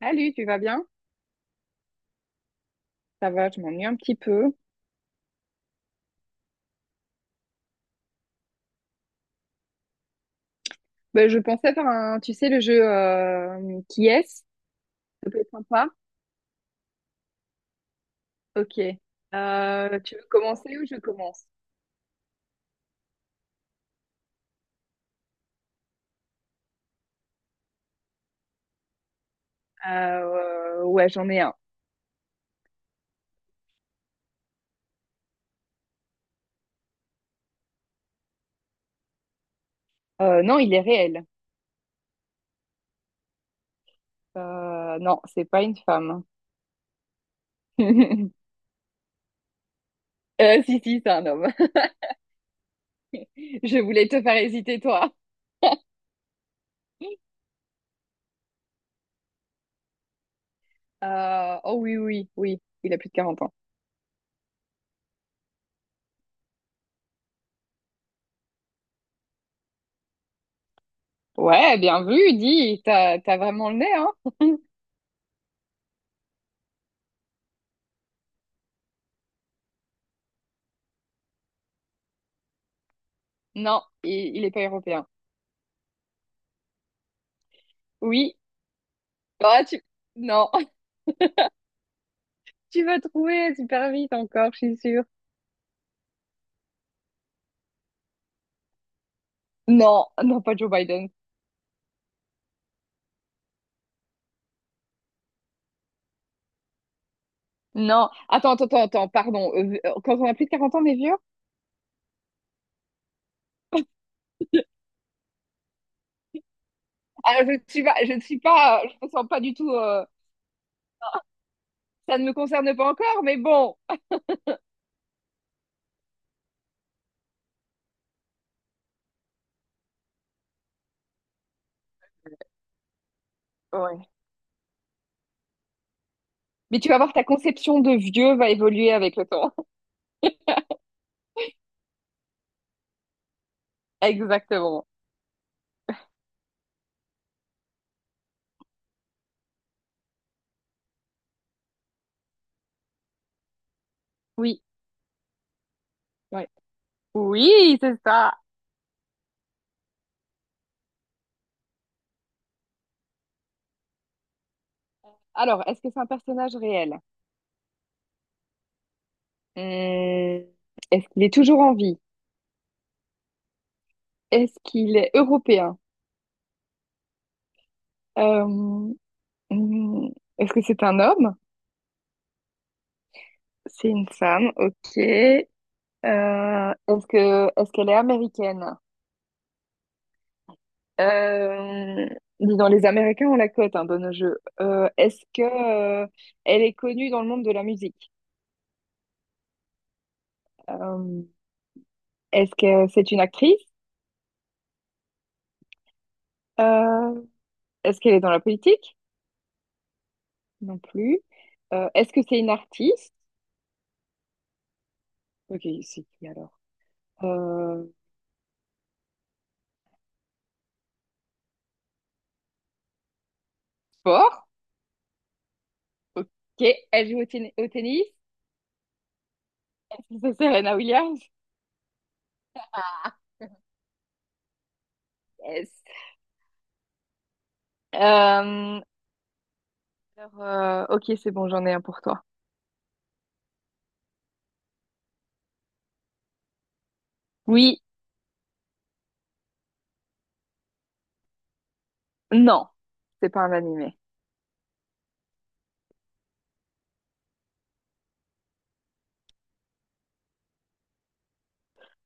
Salut, tu vas bien? Ça va, je m'ennuie un petit peu. Ben, je pensais faire un, tu sais, le jeu qui est-ce? Ça peut être sympa. Ok. Tu veux commencer ou je commence? Ouais, j'en ai un. Non, il est réel. Non, c'est pas une femme. Si, si, c'est un homme. Je voulais te faire hésiter, toi. Oh oui, oui, oui, il a plus de 40 ans. Ouais, bien vu, dis, t'as vraiment le nez, hein? Non, il est pas européen. Oui, Ah, tu... Non, tu vas trouver super vite encore, je suis sûre. Non, non, pas Joe Biden. Non, attends, attends, attends, attends, pardon. Quand on a plus de 40 ans, on est vieux? Ah, je ne suis pas, je me sens pas du tout, ça ne me concerne pas encore, mais bon. Ouais. Mais tu vas voir, ta conception de vieux va évoluer avec le temps. Exactement. Oui, ouais. Oui, c'est ça. Alors, est-ce que c'est un personnage réel? Hmm, est-ce qu'il est toujours en vie? Est-ce qu'il est européen? Euh, hmm, Est-ce que c'est un homme? C'est une femme, ok. Est-ce qu'elle est américaine? Euh, dis donc, les Américains ont la cote hein, dans nos jeux. Est-ce que Elle est connue dans le monde de la musique? Euh, Est-ce que c'est une actrice? Euh, Est-ce qu'elle est dans la politique? Non plus. Est-ce que c'est une artiste? Ok, c'est qui alors? Euh, Sport? Ok. Elle joue au, ten- au tennis? Est-ce que c'est Serena Williams? Yes. Euh, alors, ok, c'est bon, j'en ai un pour toi. Oui, non, c'est pas un animé.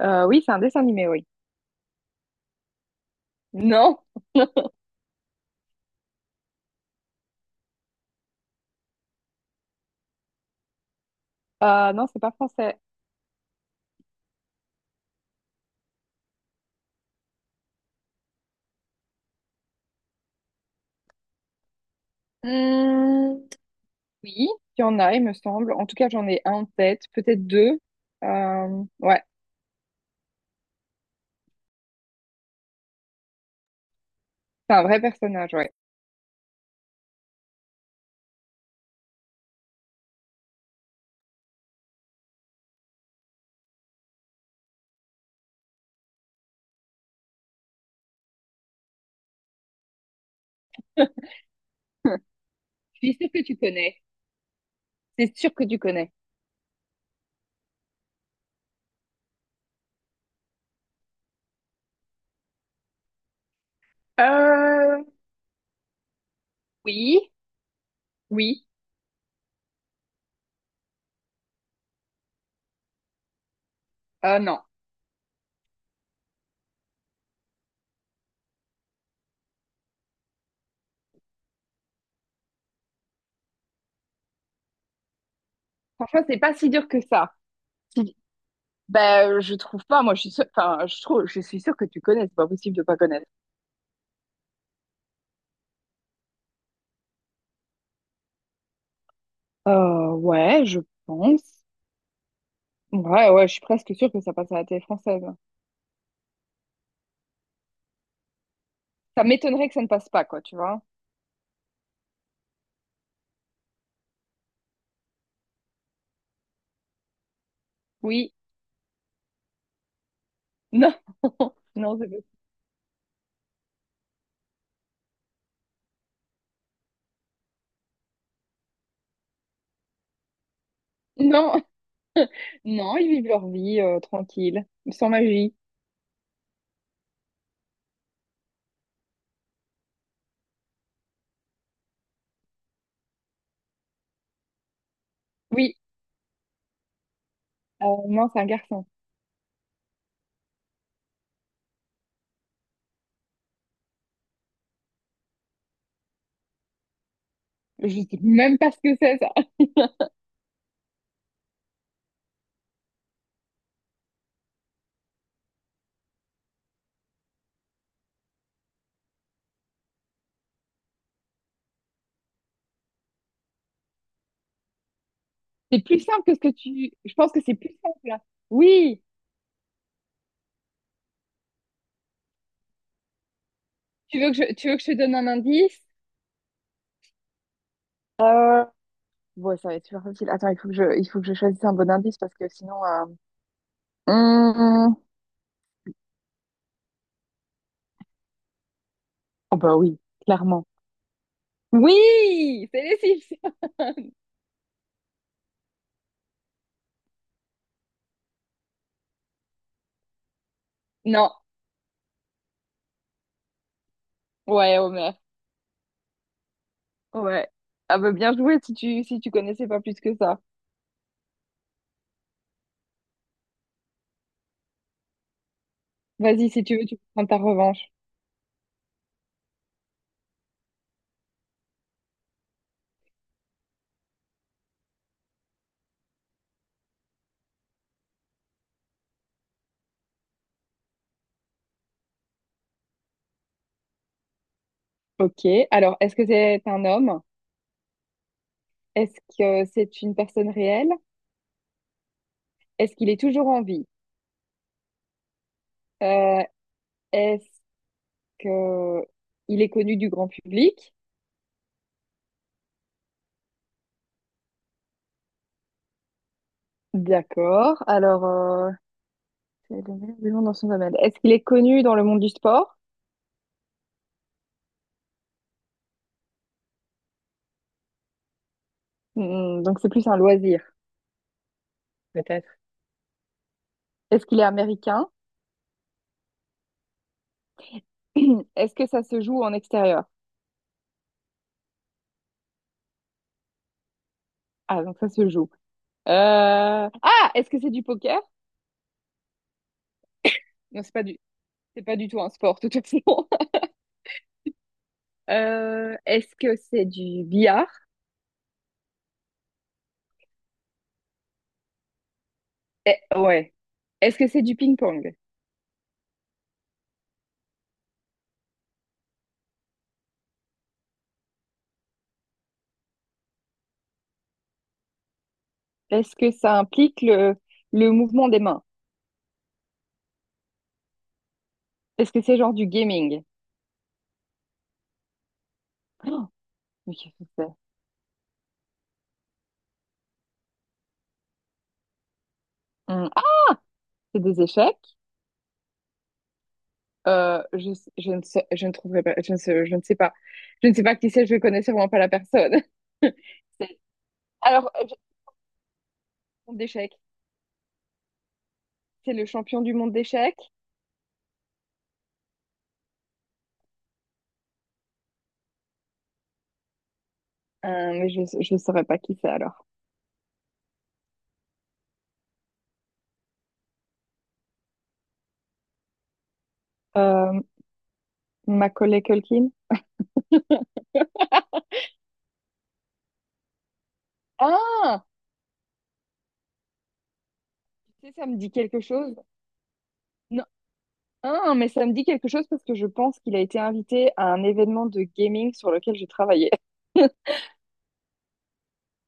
Oui, c'est un dessin animé, oui. Non, non, c'est pas français. Hmm, oui, il y en a, il me semble. En tout cas, j'en ai un en tête, peut-être deux. Ouais, c'est un vrai personnage, ouais. Je suis sûre que tu connais. C'est sûr que tu connais. Euh, oui, oui, non. Franchement, c'est pas si dur que ça. Si- Ben, je trouve pas. Moi, je suis sûre, enfin, je trouve, je suis sûre que tu connais. C'est pas possible de pas connaître. Ouais, je pense. Ouais, ouais, je suis presque sûre que ça passe à la télé française. Ça m'étonnerait que ça ne passe pas, quoi, tu vois. Oui. Non. Non, c'est pas- Non. Non, ils vivent leur vie tranquille, sans magie. Oui. Non, c'est un garçon. Je sais même pas ce que c'est, ça. C'est plus simple que ce que tu... Je pense que c'est plus simple, là. Oui. Tu veux que je te donne un indice? Euh... Ouais, ça va être super facile. Attends, il faut que je choisisse un bon indice parce que sinon... hum, Oh bah oui, clairement. Oui, c'est les Simpsons. Non, ouais, Homer. Ouais. Ah bah bien joué si tu connaissais pas plus que ça. Vas-y, si tu veux, tu peux prendre ta revanche. Ok. Alors, est-ce que c'est un homme? Est-ce que c'est une personne réelle? Est-ce qu'il est toujours en vie? Euh, est-ce que il est connu du grand public? D'accord. Alors, c'est le meilleur du monde dans son domaine. Est-ce qu'il est connu dans le monde du sport? Hmm, donc c'est plus un loisir, peut-être. Est-ce qu'il est américain? Est-ce que ça se joue en extérieur? Ah, donc ça se joue. Est-ce que c'est du poker? Non, c'est pas du tout un sport, de toute façon. Est-ce que c'est du billard? Eh, ouais. Est-ce que c'est du ping-pong? Est-ce que ça implique le mouvement des mains? Est-ce que c'est genre du gaming? Oh, mais qu'est-ce que c'est? Hum, Ah, c'est des échecs? Euh, je, je ne sais, je ne trouverai pas, je ne sais pas. Je ne sais pas qui c'est, je ne connais sûrement pas la personne. C'est- Alors, monde d'échecs. C'est le champion du monde d'échecs. Mais je ne saurais pas qui c'est alors. Euh, Macaulay Culkin? Ah! Tu sais, ça me dit quelque chose. Non, ah, mais ça me dit quelque chose parce que je pense qu'il a été invité à un événement de gaming sur lequel j'ai travaillé.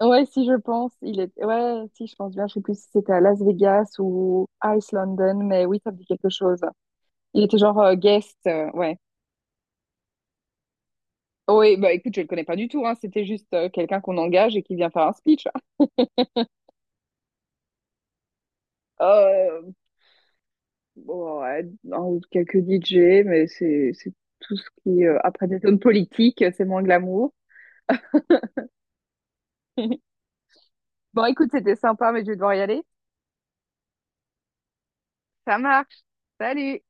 Ouais, si je pense, il est... Ouais, si je pense bien, je sais plus si c'était à Las Vegas ou Ice London, mais oui, ça me dit quelque chose. Il était genre guest, ouais. Oui, bah écoute, je le connais pas du tout, hein. C'était juste quelqu'un qu'on engage et qui vient faire un speech. Euh, bon, ouais, un- quelques DJ, mais c'est tout ce qui... après des zones politiques, c'est moins glamour. Bon, écoute, c'était sympa, mais je vais devoir y aller. Ça marche. Salut!